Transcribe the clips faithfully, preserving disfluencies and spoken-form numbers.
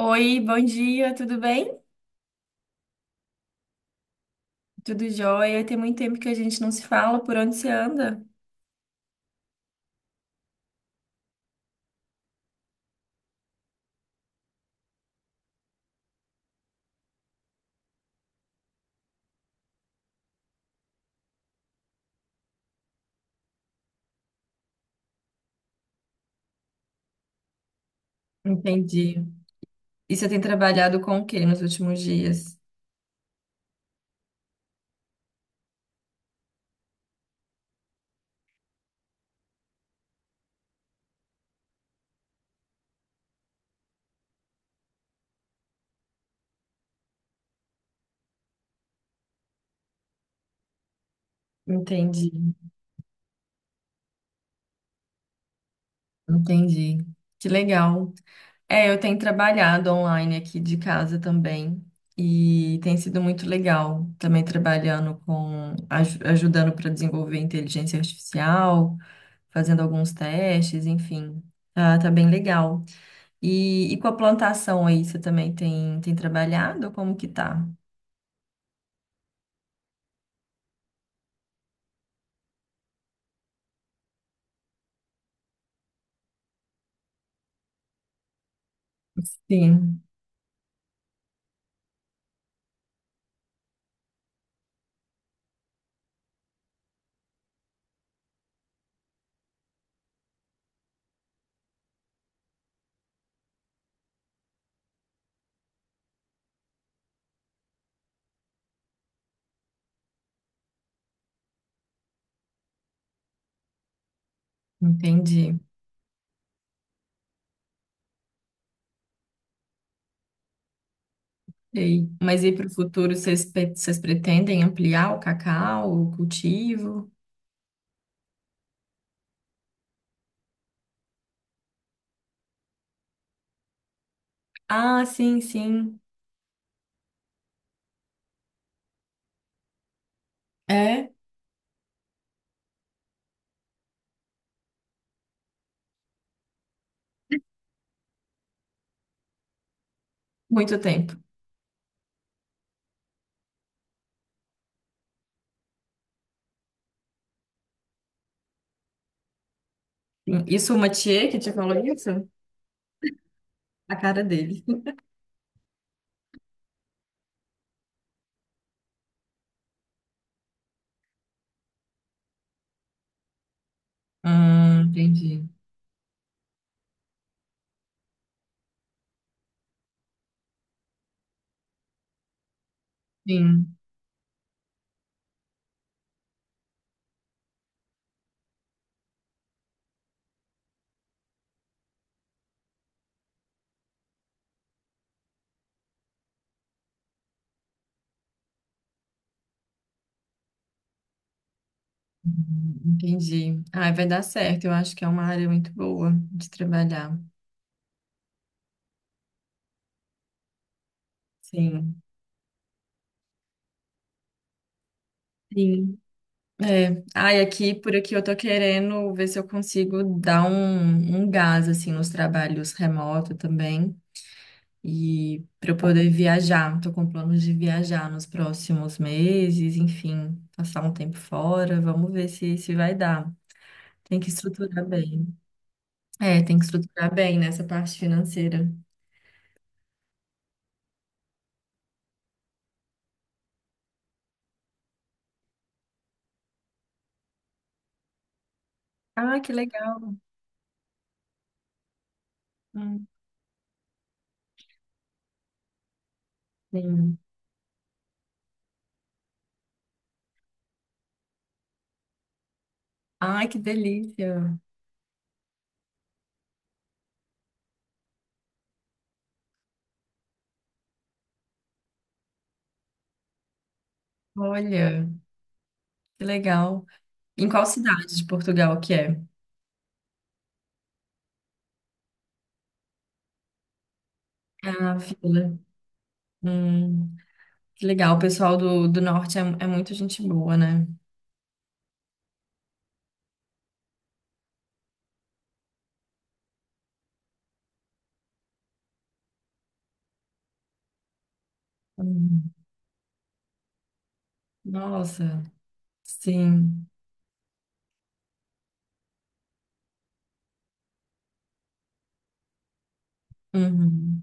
Oi, bom dia, tudo bem? Tudo jóia? Tem muito tempo que a gente não se fala, por onde você anda? Entendi. E você tem trabalhado com o que nos últimos dias? Entendi. Entendi. Que legal. É, eu tenho trabalhado online aqui de casa também e tem sido muito legal. Também trabalhando com, aju- ajudando para desenvolver inteligência artificial, fazendo alguns testes, enfim. Tá, tá bem legal. E, e com a plantação aí, você também tem, tem trabalhado? Como que tá? Sim, entendi. Ei, mas e para o futuro, vocês, pe- vocês pretendem ampliar o cacau, o cultivo? Ah, sim, sim. É? Muito tempo. Sim. Isso o Mathieu que te falou isso? A cara dele. Hum, entendi. Sim, uhum, entendi. Ah, vai dar certo. Eu acho que é uma área muito boa de trabalhar. Sim. Sim. É, ai, aqui, por aqui eu tô querendo ver se eu consigo dar um, um gás, assim, nos trabalhos remoto também, e para eu poder viajar, tô com planos de viajar nos próximos meses, enfim, passar um tempo fora, vamos ver se, se vai dar. Tem que estruturar bem. É, tem que estruturar bem nessa parte financeira. Ah, que legal. Hum, Sim. Ai, que delícia. Olha, que legal. Em qual cidade de Portugal que é? Ah, fila. Hum, que legal, o pessoal do, do norte é, é muito gente boa, né? Hum, nossa, sim. Uhum.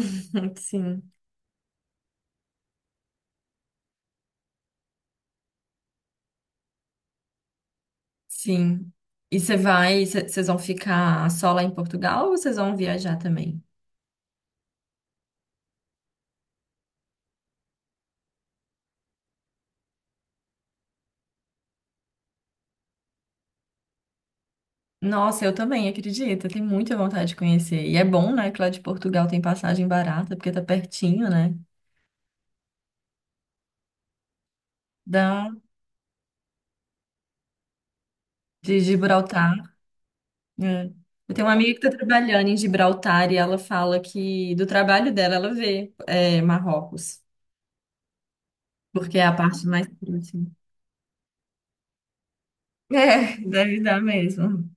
Sim, sim. E você vai, cê- vocês vão ficar só lá em Portugal ou vocês vão viajar também? Nossa, eu também, acredito, eu tenho muita vontade de conhecer. E é bom, né, que lá de Portugal tem passagem barata, porque tá pertinho, né, da, de Gibraltar. É. Eu tenho uma amiga que tá trabalhando em Gibraltar e ela fala que do trabalho dela ela vê é, Marrocos. Porque é a parte mais próxima. É, deve dar mesmo.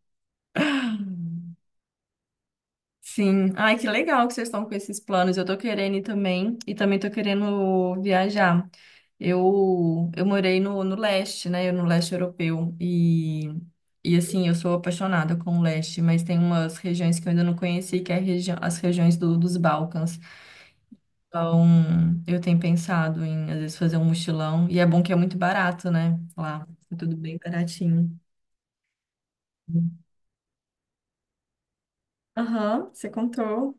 Sim. Ai, que legal que vocês estão com esses planos. Eu tô querendo ir também, e também tô querendo viajar. Eu, eu morei no, no leste, né? Eu no leste europeu. E, e assim, eu sou apaixonada com o leste, mas tem umas regiões que eu ainda não conheci, que é a regi as regiões do, dos Balcãs. Então, eu tenho pensado em, às vezes, fazer um mochilão. E é bom que é muito barato, né? Lá, é tudo bem baratinho. Aham, você contou.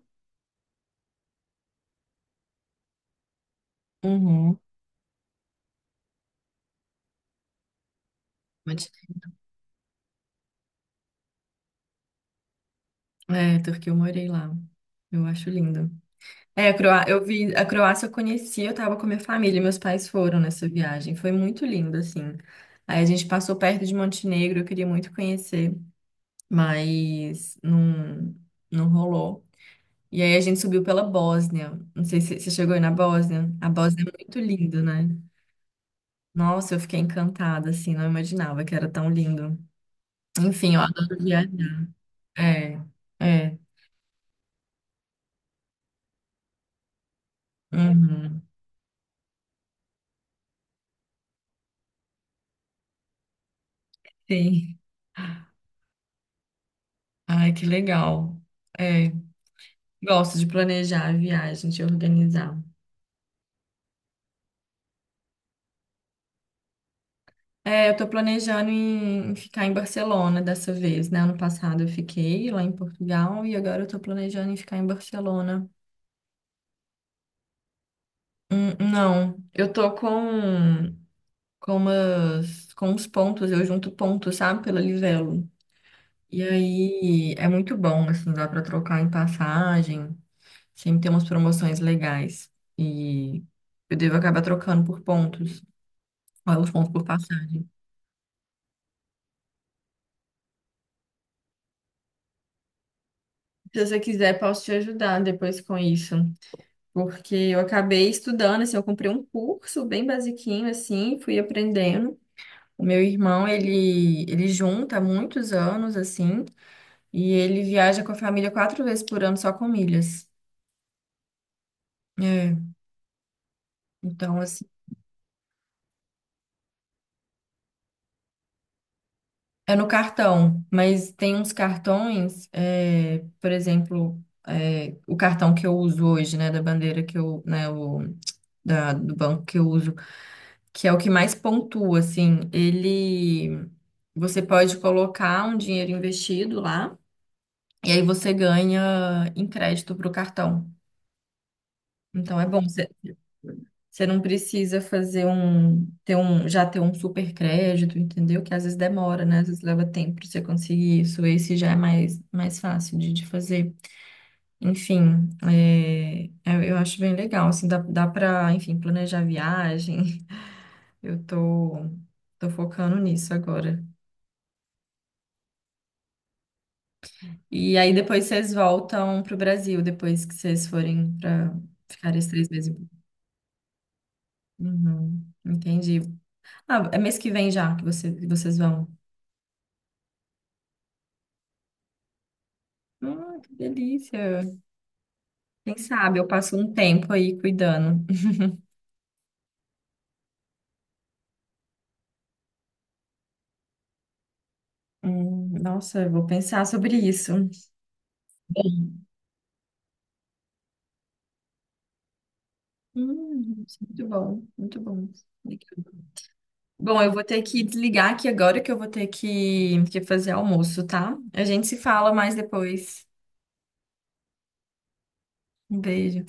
Uhum. Pode- É, Turquia, eu morei lá. Eu acho lindo. É, a Croá... eu vi a Croácia eu conheci, eu tava com a minha família, meus pais foram nessa viagem. Foi muito lindo, assim. Aí a gente passou perto de Montenegro, eu queria muito conhecer, mas não, não rolou. E aí a gente subiu pela Bósnia. Não sei se você chegou aí na Bósnia. A Bósnia é muito linda, né? Nossa, eu fiquei encantada, assim, não imaginava que era tão lindo. Enfim, eu adoro viajar. É, é. Uhum. Sim. Ai, que legal. É, gosto de planejar a viagem, de organizar. É, eu tô planejando em, em ficar em Barcelona dessa vez, né? Ano passado eu fiquei lá em Portugal e agora eu tô planejando em ficar em Barcelona. Hum, não, eu tô com, com umas, com uns pontos, eu junto pontos, sabe, pela Livelo. E aí é muito bom, assim, dá pra trocar em passagem. Sempre tem umas promoções legais. E eu devo acabar trocando por pontos. Olha os pontos por passagem. Se você quiser, posso te ajudar depois com isso. Porque eu acabei estudando, assim, eu comprei um curso bem basiquinho, assim, fui aprendendo. O meu irmão, ele, ele junta há muitos anos, assim, e ele viaja com a família quatro vezes por ano só com milhas. É, então, assim. É no cartão, mas tem uns cartões, é, por exemplo, é, o cartão que eu uso hoje, né, da bandeira que eu, né, o, da- do banco que eu uso, que é o que mais pontua, assim, ele, você pode colocar um dinheiro investido lá, e aí você ganha em crédito pro cartão. Então é bom, você você não precisa fazer um, ter um, já ter um super crédito, entendeu? Que às vezes demora, né? Às vezes leva tempo para você conseguir isso. Esse já é mais, mais, fácil de, de fazer. Enfim, é, eu eu acho bem legal, assim, dá, dá para, enfim, planejar a viagem. Eu tô, tô focando nisso agora. E aí depois vocês voltam pro Brasil, depois que vocês forem para ficar esses três meses. Uhum, entendi. Ah, é mês que vem já que você- que vocês vão. Ah, que delícia. Quem sabe eu passo um tempo aí cuidando. Hum, nossa, eu vou pensar sobre isso. Hum, muito bom, muito bom. Legal. Bom, eu vou ter que desligar aqui agora que eu vou ter que, que fazer almoço, tá? A gente se fala mais depois. Um beijo.